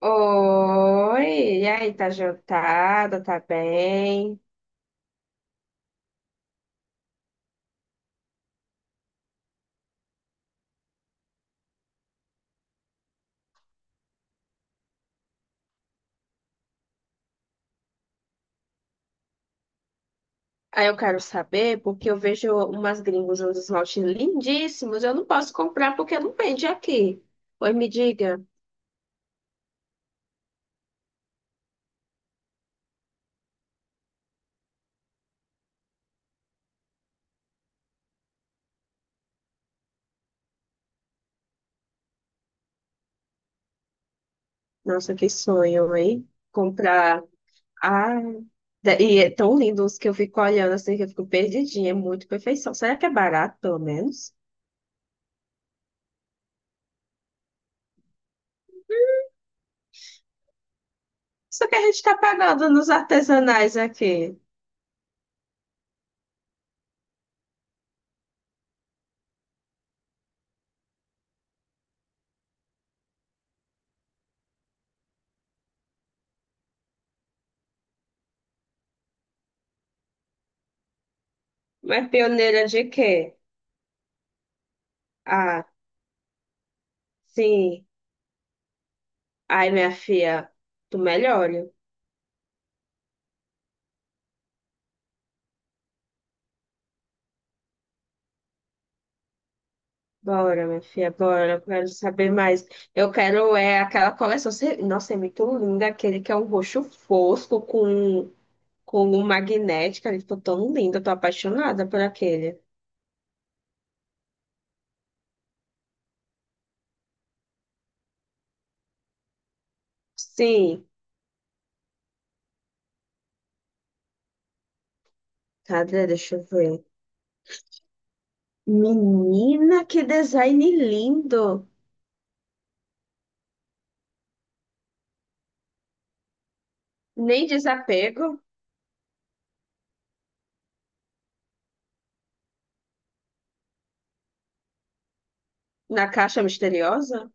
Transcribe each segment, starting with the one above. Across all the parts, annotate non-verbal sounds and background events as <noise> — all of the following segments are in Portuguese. Oi, e aí, tá jantada, tá bem? Aí eu quero saber, porque eu vejo umas gringos uns esmaltes lindíssimos, eu não posso comprar porque não vende aqui. Oi, me diga. Nossa, que sonho, hein? Comprar. Ah, e é tão lindo os que eu fico olhando assim que eu fico perdidinha, é muito perfeição. Será que é barato, pelo menos? Só que a gente tá pagando nos artesanais aqui. Mas pioneira de quê? Ah, sim. Ai, minha filha, tu melhore. Bora, minha filha, bora. Eu quero saber mais. Eu quero é aquela coleção. Nossa, é muito linda. Aquele que é um roxo fosco com um magnético. Ele ficou tão lindo. Eu tô apaixonada por aquele. Sim. Cadê? Deixa eu ver. Menina, que design lindo. Nem desapego na caixa misteriosa.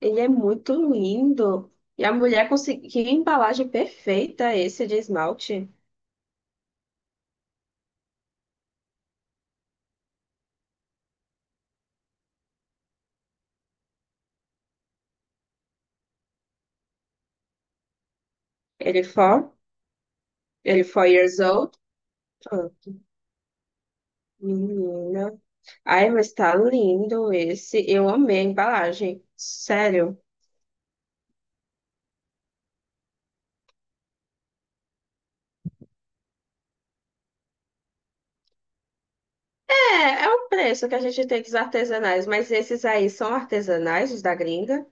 Ele é muito lindo. E a mulher conseguiu. Que embalagem perfeita esse de esmalte. Ele foi, ele foi years old. Ah, menina. Ai, mas tá lindo esse. Eu amei a embalagem. Sério. É, é o preço que a gente tem dos artesanais, mas esses aí são artesanais, os da gringa.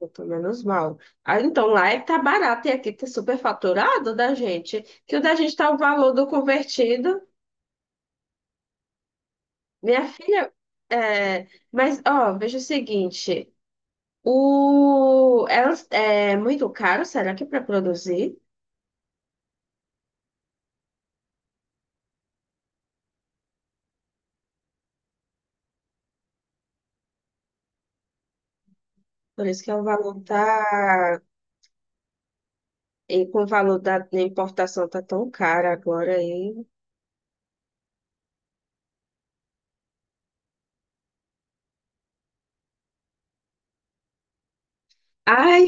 Eu tô menos mal. Ah, então lá é que tá barato e aqui tá super faturado da gente. Que o da gente tá o valor do convertido. Minha filha, é, mas ó, veja o seguinte. O, elas, é muito caro, será que para produzir? Por isso que o valor tá. E com o valor da importação tá tão caro agora aí. Ai,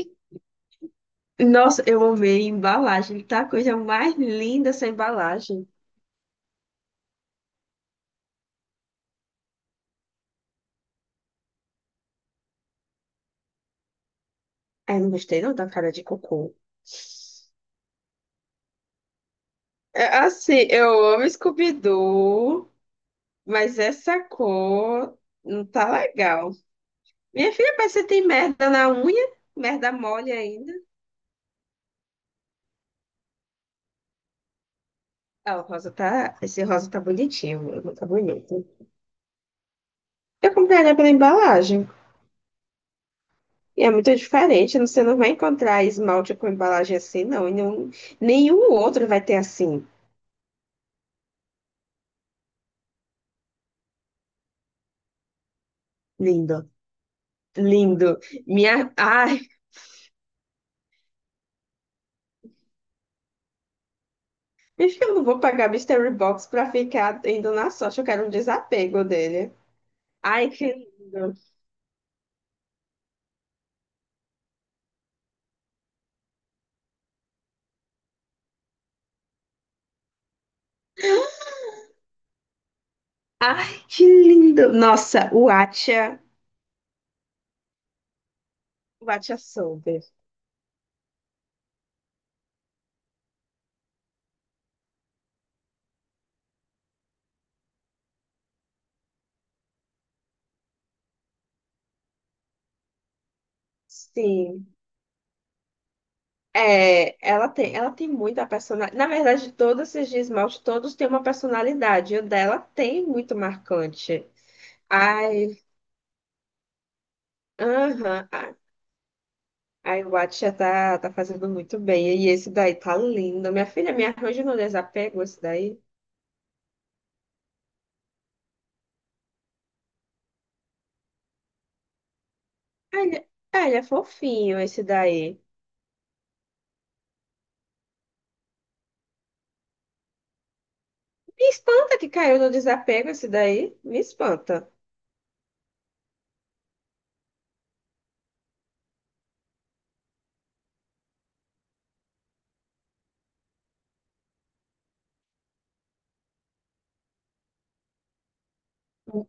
nossa, eu amei a embalagem. Tá a coisa mais linda essa embalagem. Ai, não gostei não da cara de cocô. É assim, eu amo Scooby-Doo, mas essa cor não tá legal. Minha filha, mas você tem merda na unha? Merda mole ainda? Ah, o rosa tá. Esse rosa tá bonitinho, o meu tá bonito. Eu compraria pela embalagem. E é muito diferente, você não vai encontrar esmalte com embalagem assim, não. Nenhum outro vai ter assim. Lindo. Lindo. Minha. Ai, <laughs> acho que eu não vou pagar Mystery Box pra ficar indo na sorte. Eu quero um desapego dele. Ai, que lindo. Ai, que lindo. Nossa, o Atia. O Atia Soube. Sim. É, ela tem muita personalidade. Na verdade, todos esses de esmalte, todos têm uma personalidade. E o dela tem muito marcante. Ai, aham, ah, a iWatch já tá, tá fazendo muito bem. E esse daí tá lindo. Minha filha, me arranja no desapego esse daí. Ah, ele, ah, ele é fofinho, esse daí. Me espanta que caiu no desapego esse daí. Me espanta. M-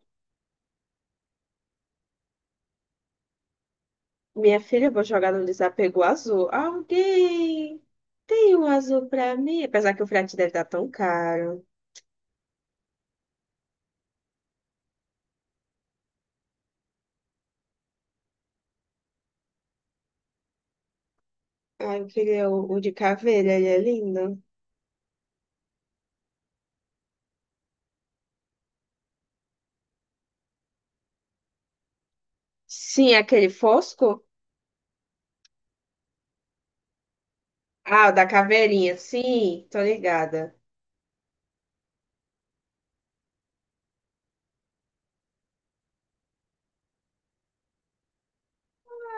Minha filha, eu vou jogar no desapego azul. Alguém tem um azul pra mim? Apesar que o frete deve estar tão caro. Ah, eu queria o de caveira, ele é lindo. Sim, aquele fosco? Ah, o da caveirinha, sim, tô ligada.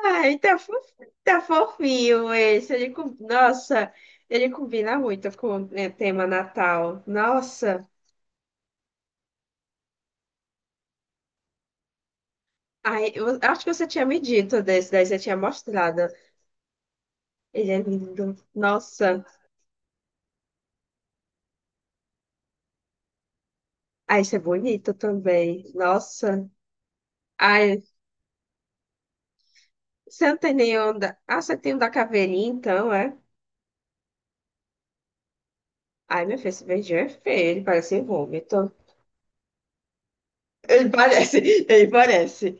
Ai, tá, fof- tá fofinho esse. Nossa, ele combina muito com o tema Natal. Nossa, ai, eu acho que você tinha me dito desse, daí você tinha mostrado. Ele é lindo. Nossa, ai, esse é bonito também. Nossa, ai, você não tem nenhum da... Ah, você tem um da caveirinha, então, é? Ai, meu filho, esse beijinho é feio, ele parece um vômito. Ele parece, <laughs> ele parece.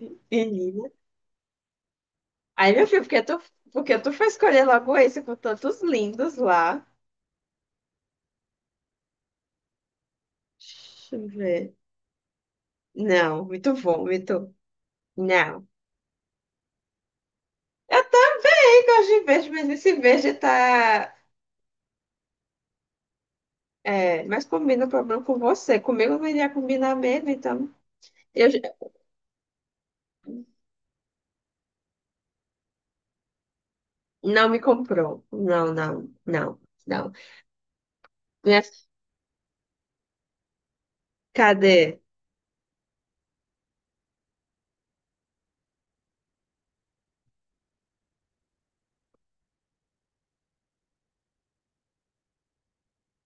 Aí, meu filho, porque tu foi escolher logo esse com tantos lindos lá? Deixa eu ver. Não, muito bom, muito. Não. Eu também gosto de verde, mas esse verde tá. É, mas combina o problema com você. Comigo não iria combinar mesmo, então. Eu, já- não me comprou. Não, não, não, não. Minha, cadê?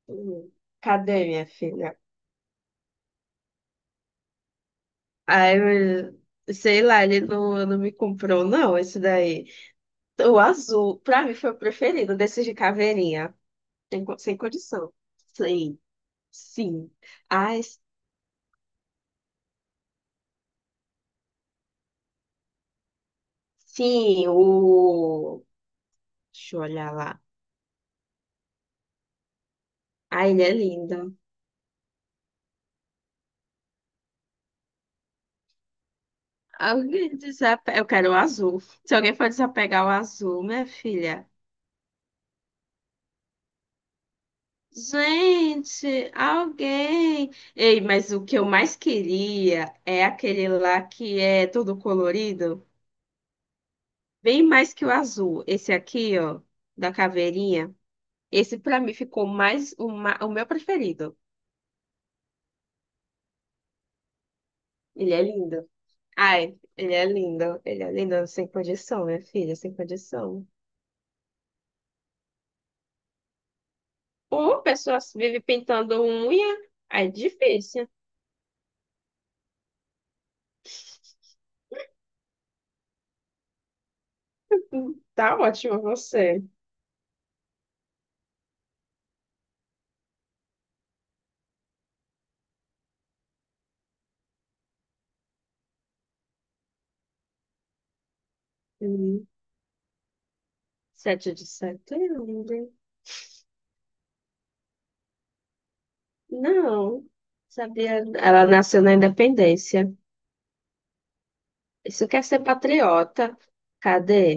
Hum, Cadê minha filha? Sei lá, ele não, não me comprou, não, esse daí. O azul, pra mim, foi o preferido desses de caveirinha. Sem condição. Sim, sim. Ai, sim, o. Deixa eu olhar lá. Ai, ele é lindo. Alguém desape... Eu quero o azul. Se alguém for desapegar o azul, minha filha. Gente, alguém. Ei, mas o que eu mais queria é aquele lá que é todo colorido. Bem mais que o azul. Esse aqui, ó, da caveirinha. Esse pra mim ficou mais o meu preferido. Ele é lindo. Ai, ele é lindo. Ele é lindo, sem condição, minha filha, sem condição. Uma pessoa vive pintando unha, aí é difícil. Tá ótimo você. Hum, Sete de setembro. Não, sabia. Ela nasceu na Independência. Isso quer ser patriota. Cadê?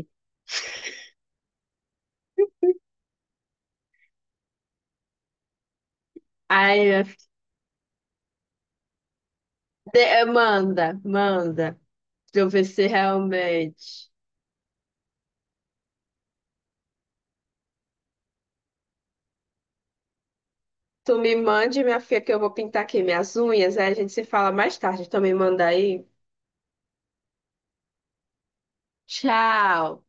Ai, minha filha, manda, manda. Pra eu ver se realmente. Tu me mande, minha filha, que eu vou pintar aqui minhas unhas. Aí a gente se fala mais tarde. Então me manda aí. Tchau.